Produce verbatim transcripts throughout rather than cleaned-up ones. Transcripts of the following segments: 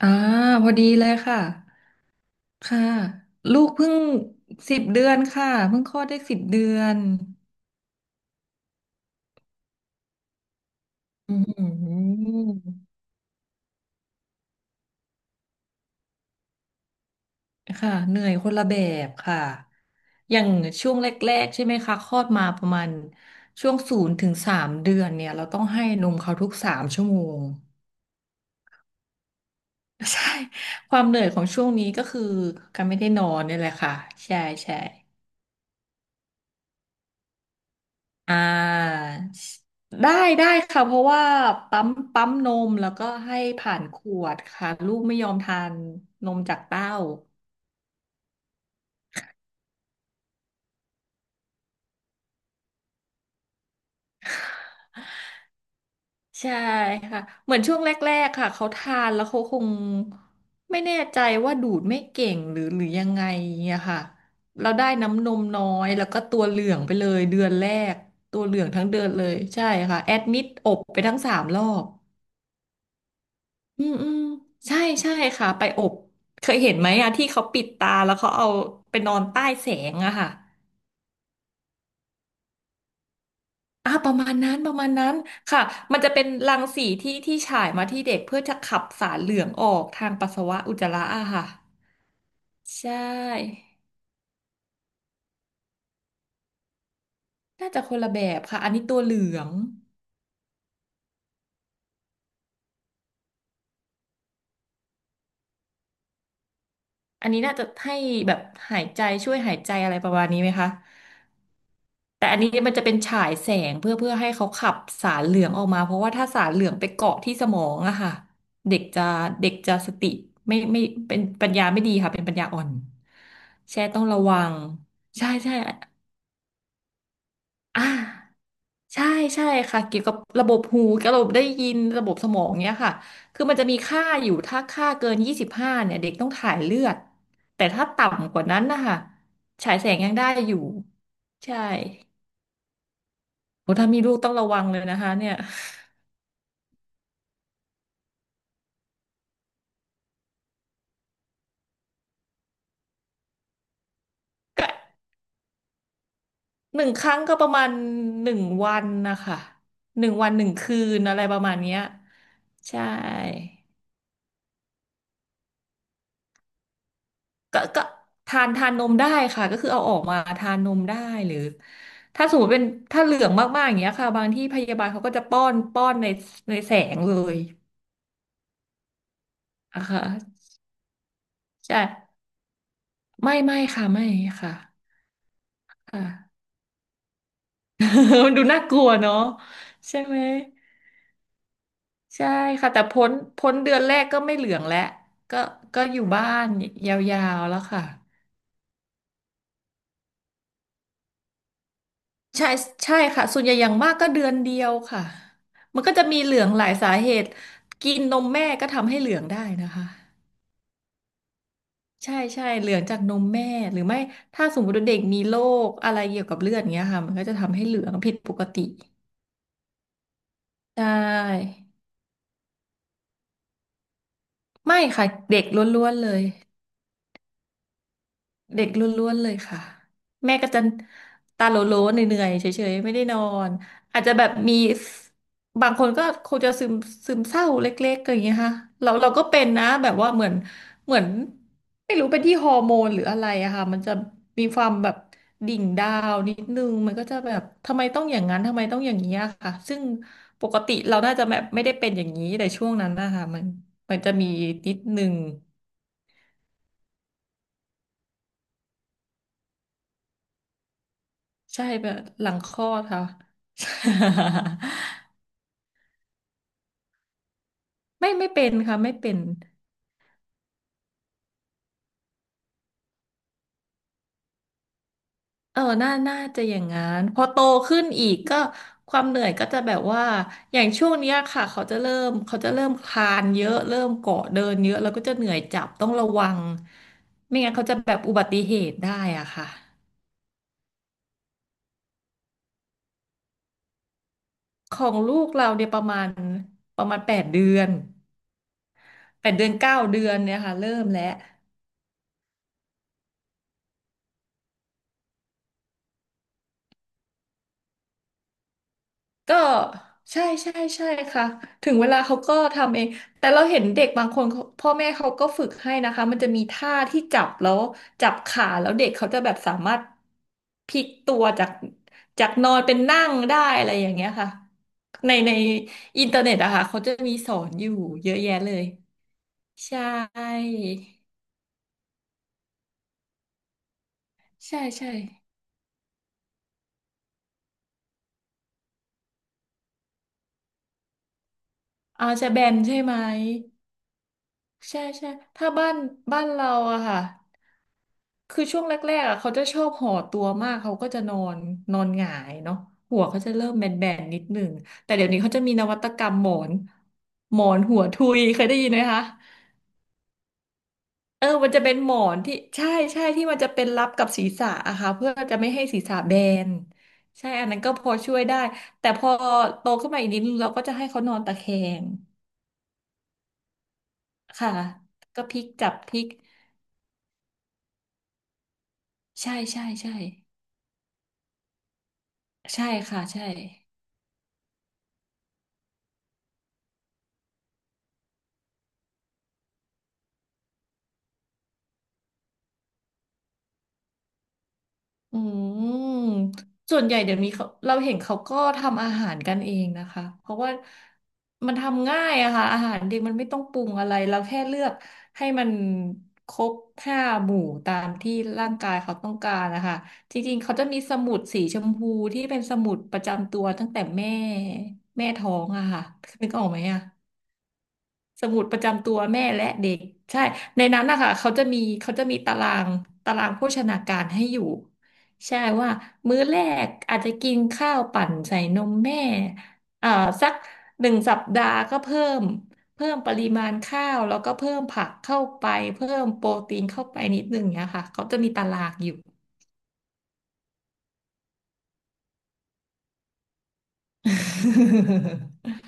อ่าพอดีเลยค่ะค่ะลูกเพิ่งสิบเดือนค่ะเพิ่งคลอดได้สิบเดือนอืมค่ะเหนื่อยคนละแบบค่ะอย่างช่วงแรกๆใช่ไหมคะคลอดมาประมาณช่วงศูนย์ถึงสามเดือนเนี่ยเราต้องให้นมเขาทุกสามชั่วโมง ใช่ความเหนื่อยของช่วงนี้ก็คือการไม่ได้นอนนี่แหละค่ะใช่ใช่ อ่าได้ได้ค่ะเพราะว่าปั๊มปั๊มนมแล้วก็ให้ผ่านขวดค่ะลูกไม่ยอมทานนมจากเต้าใช่ค่ะเหมือนช่วงแรกๆค่ะเขาทานแล้วเขาคงไม่แน่ใจว่าดูดไม่เก่งหรือหรือยังไงอะค่ะเราได้น้ำนมน้อยแล้วก็ตัวเหลืองไปเลยเดือนแรกตัวเหลืองทั้งเดือนเลยใช่ค่ะแอดมิดอบไปทั้งสามรอบ อืมอืมใช่ใช่ค่ะไปอบเคยเห็นไหมอะที่เขาปิดตาแล้วเขาเอาไปนอนใต้แสงอะค่ะอ่าประมาณนั้นประมาณนั้นค่ะมันจะเป็นรังสีที่ที่ฉายมาที่เด็กเพื่อจะขับสารเหลืองออกทางปัสสาวะอุจจาระอะค่ะใช่น่าจะคนละแบบค่ะอันนี้ตัวเหลืองอันนี้น่าจะให้แบบหายใจช่วยหายใจอะไรประมาณนี้ไหมคะ แต่อันนี้มันจะเป็นฉายแสงเพื่อเพื่อให้เขาขับสารเหลืองออกมาเพราะว่าถ้าสารเหลืองไปเกาะที่สมองอะค่ะเด็กจะเด็กจะสติไม่ไม่เป็นปัญญาไม่ดีค่ะเป็นปัญญาอ่อนแช่ต้องระวังใช่ใช่อ่าใช่ใช่ค่ะเกี่ยวกับระบบหูกับระบบได้ยินระบบสมองเนี้ยค่ะคือมันจะมีค่าอยู่ถ้าค่าเกินยี่สิบห้าเนี่ยเด็กต้องถ่ายเลือดแต่ถ้าต่ำกว่านั้นนะคะฉายแสงยังได้อยู่ใช่ โอ้ถ้ามีลูกต้องระวังเลยนะคะเนี่ยก็หนึ่งครั้งก็ประมาณหนึ่งวันนะคะหนึ่งวันหนึ่งคืนอะไรประมาณเนี้ยใช่ก็ก็ทานทานนมได้ค่ะก็คือเอาออกมาทานนมได้หรือถ้าสมมติเป็นถ้าเหลืองมากๆอย่างเงี้ยค่ะบางที่พยาบาลเขาก็จะป้อนป้อนในในแสงเลยอะค่ะใช่ไม่ไม่ค่ะไม่ค่ะค่ะ มันดูน่ากลัวเนาะใช่ไหม ใช่ค่ะแต่พ้นพ้นเดือนแรกก็ไม่เหลืองแล้วก็ก็อยู่บ้านยาวๆแล้วค่ะใช่ใช่ค่ะส่วนใหญ่อย่างมากก็เดือนเดียวค่ะมันก็จะมีเหลืองหลายสาเหตุกินนมแม่ก็ทำให้เหลืองได้นะคะใช่ใช่เหลืองจากนมแม่หรือไม่ถ้าสมมติว่าเด็กมีโรคอะไรเกี่ยวกับเลือดเงี้ยค่ะมันก็จะทำให้เหลืองผิดปกติใช่ไม่ค่ะเด็กล้วนๆเลย เด็กล้วนๆเลยค่ะแม่ก็จะตาโลโลเหนื่อยๆเฉยๆไม่ได้นอนอาจจะแบบมีบางคนก็คงจะซึมซึมเศร้าเล็กๆอย่างเงี้ยค่ะเราเราก็เป็นนะแบบว่าเหมือนเหมือนไม่รู้เป็นที่ฮอร์โมนหรืออะไรอะค่ะมันจะมีความแบบดิ่งดาวนิดนึงมันก็จะแบบทำไมต้องอย่างนั้นทำไมต้องอย่างนี้อะค่ะซึ่งปกติเราน่าจะแบบไม่ได้เป็นอย่างนี้แต่ช่วงนั้นนะคะมันมันจะมีนิดนึง ใช่แบบหลังคลอดค่ะ ไม่ไม่เป็นค่ะไม่เป็นเออน่าน่าจะอย่างงั้นพอโตขึ้นอีกก็ความเหนื่อยก็จะแบบว่าอย่างช่วงเนี้ยค่ะเขาจะเริ่มเขาจะเริ่มคลานเยอะเริ่มเกาะเดินเยอะแล้วก็จะเหนื่อยจับต้องระวังไม่งั้นเขาจะแบบอุบัติเหตุได้อ่ะค่ะของลูกเราเนี่ยประมาณประมาณแปดเดือนแปดเดือนเก้าเดือนเนี่ยค่ะเริ่มแล้ว ก็ใช่ใช่ใช่ค่ะถึงเวลาเขาก็ทำเองแต่เราเห็นเด็กบางคนเขาพ่อแม่เขาก็ฝึกให้นะคะมันจะมีท่าที่จับแล้วจับขาแล้วเด็กเขาจะแบบสามารถพลิกตัวจากจากนอนเป็นนั่งได้อะไรอย่างเงี้ยค่ะในในอินเทอร์เน็ตอะค่ะเขาจะมีสอนอยู่เยอะแยะเลยใช่ใช่ใช่อาจจะแบนใช่ไหม ใช่ใช่ถ้าบ้านบ้านเราอะค่ะคือช่วงแรกๆอะเขาจะชอบห่อตัวมากเขาก็จะนอนนอนหงายเนาะหัวเขาจะเริ่มแบนๆนิดหนึ่งแต่เดี๋ยวนี้เขาจะมีนวัตกรรมหมอนหมอนหัวทุยเคยได้ยินไหมคะเออมันจะเป็นหมอนที่ใช่ใช่ที่มันจะเป็นรับกับศีรษะอะค่ะเพื่อจะไม่ให้ศีรษะแบนใช่อันนั้นก็พอช่วยได้แต่พอโตขึ้นมาอีกนิดนึงเราก็จะให้เขานอนตะแคงค่ะก็พลิกจับพลิกใช่ใช่ใช่ ใช่ค่ะใช่อืมส่วนใหญ่เดี๋ยวนี้เขาเราเห็นเขาก็ทำอาหารกันเองนะคะเพราะว่ามันทำง่ายอะค่ะอาหารเด็กมันไม่ต้องปรุงอะไรเราแค่เลือกให้มันครบห้าหมู่ตามที่ร่างกายเขาต้องการนะคะจริงๆเขาจะมีสมุดสีชมพูที่เป็นสมุดประจำตัวตั้งแต่แม่แม่ท้องอะค่ะนึกออกไหมอะ สมุดประจำตัวแม่และเด็กใช่ในนั้นนะคะเขาจะมีเขาจะมีตารางตารางโภชนาการให้อยู่ใช่ว่ามื้อแรกอาจจะกินข้าวปั่นใส่นมแม่เอ่อสักหนึ่งสัปดาห์ก็เพิ่มเพิ่มปริมาณข้าวแล้วก็เพิ่มผักเข้าไปเพิ่มโปรตีนเข้าไปนิดนึงเนี้ยค่ะเขาจะมีตารางอยู่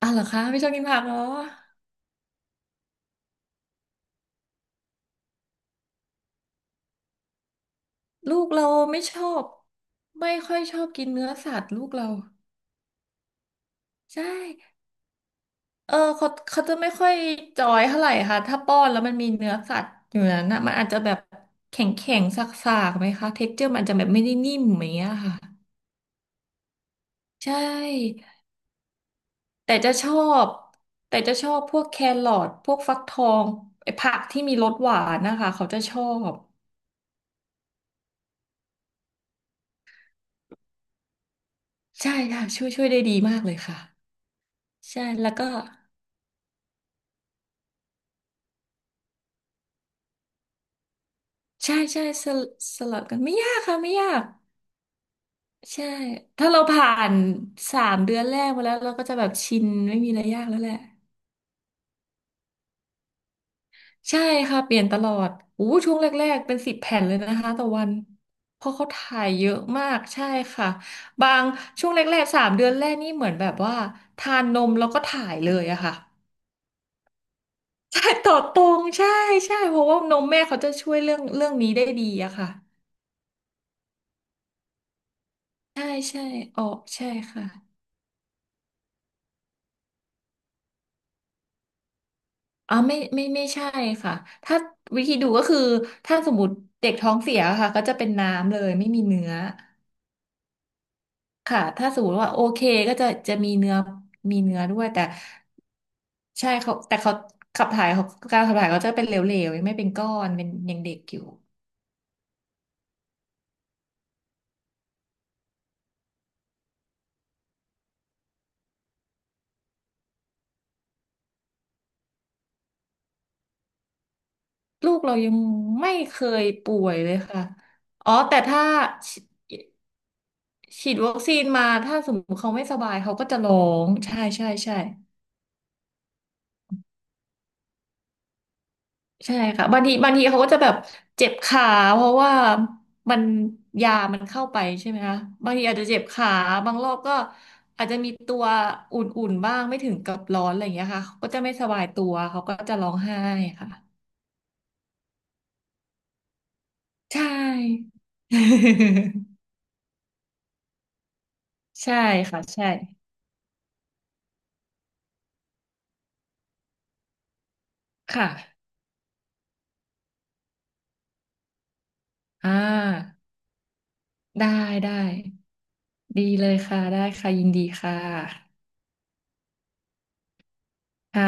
อ่ะเหรอคะไม่ชอบกินผักเหรอลูกเราไม่ชอบไม่ค่อยชอบกินเนื้อสัตว์ลูกเราใช่ เออเขาเขาจะไม่ค่อยจอยเท่าไหร่ค่ะถ้าป้อนแล้วมันมีเนื้อสัตว์อยู่นั้นนะมันอาจจะแบบแข็งแข็งสากๆไหมคะเท็กเจอร์มันอาจจะแบบไม่ได้นิ่มอย่างเงี้ยค่ะใช่แต่จะชอบแต่จะชอบพวกแครอทพวกฟักทองไอ้ผักที่มีรสหวานนะคะเขาจะชอบใช่ค่ะช่วยช่วยได้ดีมากเลยค่ะใช่แล้วก็ใช่ใช่สลสลัดกันไม่ยากค่ะไม่ยาก ใช่ถ้าเราผ่านสามเดือนแรกมาแล้วเราก็จะแบบชินไม่มีอะไรยากแล้วแหละใช่ค่ะเปลี่ยนตลอดอู้ช่วงแรกๆเป็นสิบแผ่นเลยนะคะต่อวันเพราะเขาถ่ายเยอะมากใช่ค่ะบางช่วงแรกๆสามเดือนแรกนี่เหมือนแบบว่าทานนมแล้วก็ถ่ายเลยอะค่ะ ใช่ต่อตรง ใช่ใช่เพราะว่านมแม่เขาจะช่วยเรื่องเรื่องนี้ได้ดีอะค่ะใช่ใช่ออกใช่ค่ะ อ๋อไม่ไม่ไม่ใช่ค่ะถ้าวิธีดูก็คือถ้าสมมติเด็กท้องเสียค่ะก็จะเป็นน้ำเลยไม่มีเนื้อค่ะถ้าสมมติว่าโอเคก็จะจะมีเนื้อมีเนื้อด้วยแต่ใช่เขาแต่เขาขับถ่ายเขาการขับถ่ายเขาจะเป็นเหลวๆยังไม่เป็นก้อนเป็นยังเด็กอยู่ลูกเรายังไม่เคยป่วยเลยค่ะอ๋อแต่ถ้าฉีดฉีดวัคซีนมาถ้าสมมติเขาไม่สบายเขาก็จะร้องใช่ใช่ใช่ ใช่ค่ะบางทีบางทีเขาก็จะแบบเจ็บขาเพราะว่ามันยามันเข้าไปใช่ไหมคะบางทีอาจจะเจ็บขาบางรอบก็อาจจะมีตัวอุ่นๆบ้างไม่ถึงกับร้อนอะไรอย่างเงี้ยค่ะเขาก็จะไม่สบายตัวเขาก็จะร้องไห้ค่ะใช่ ใช่ค่ะใช่ค่ะอ่าได้ได้ดีเลยค่ะได้ค่ะยินดีค่ะค่ะ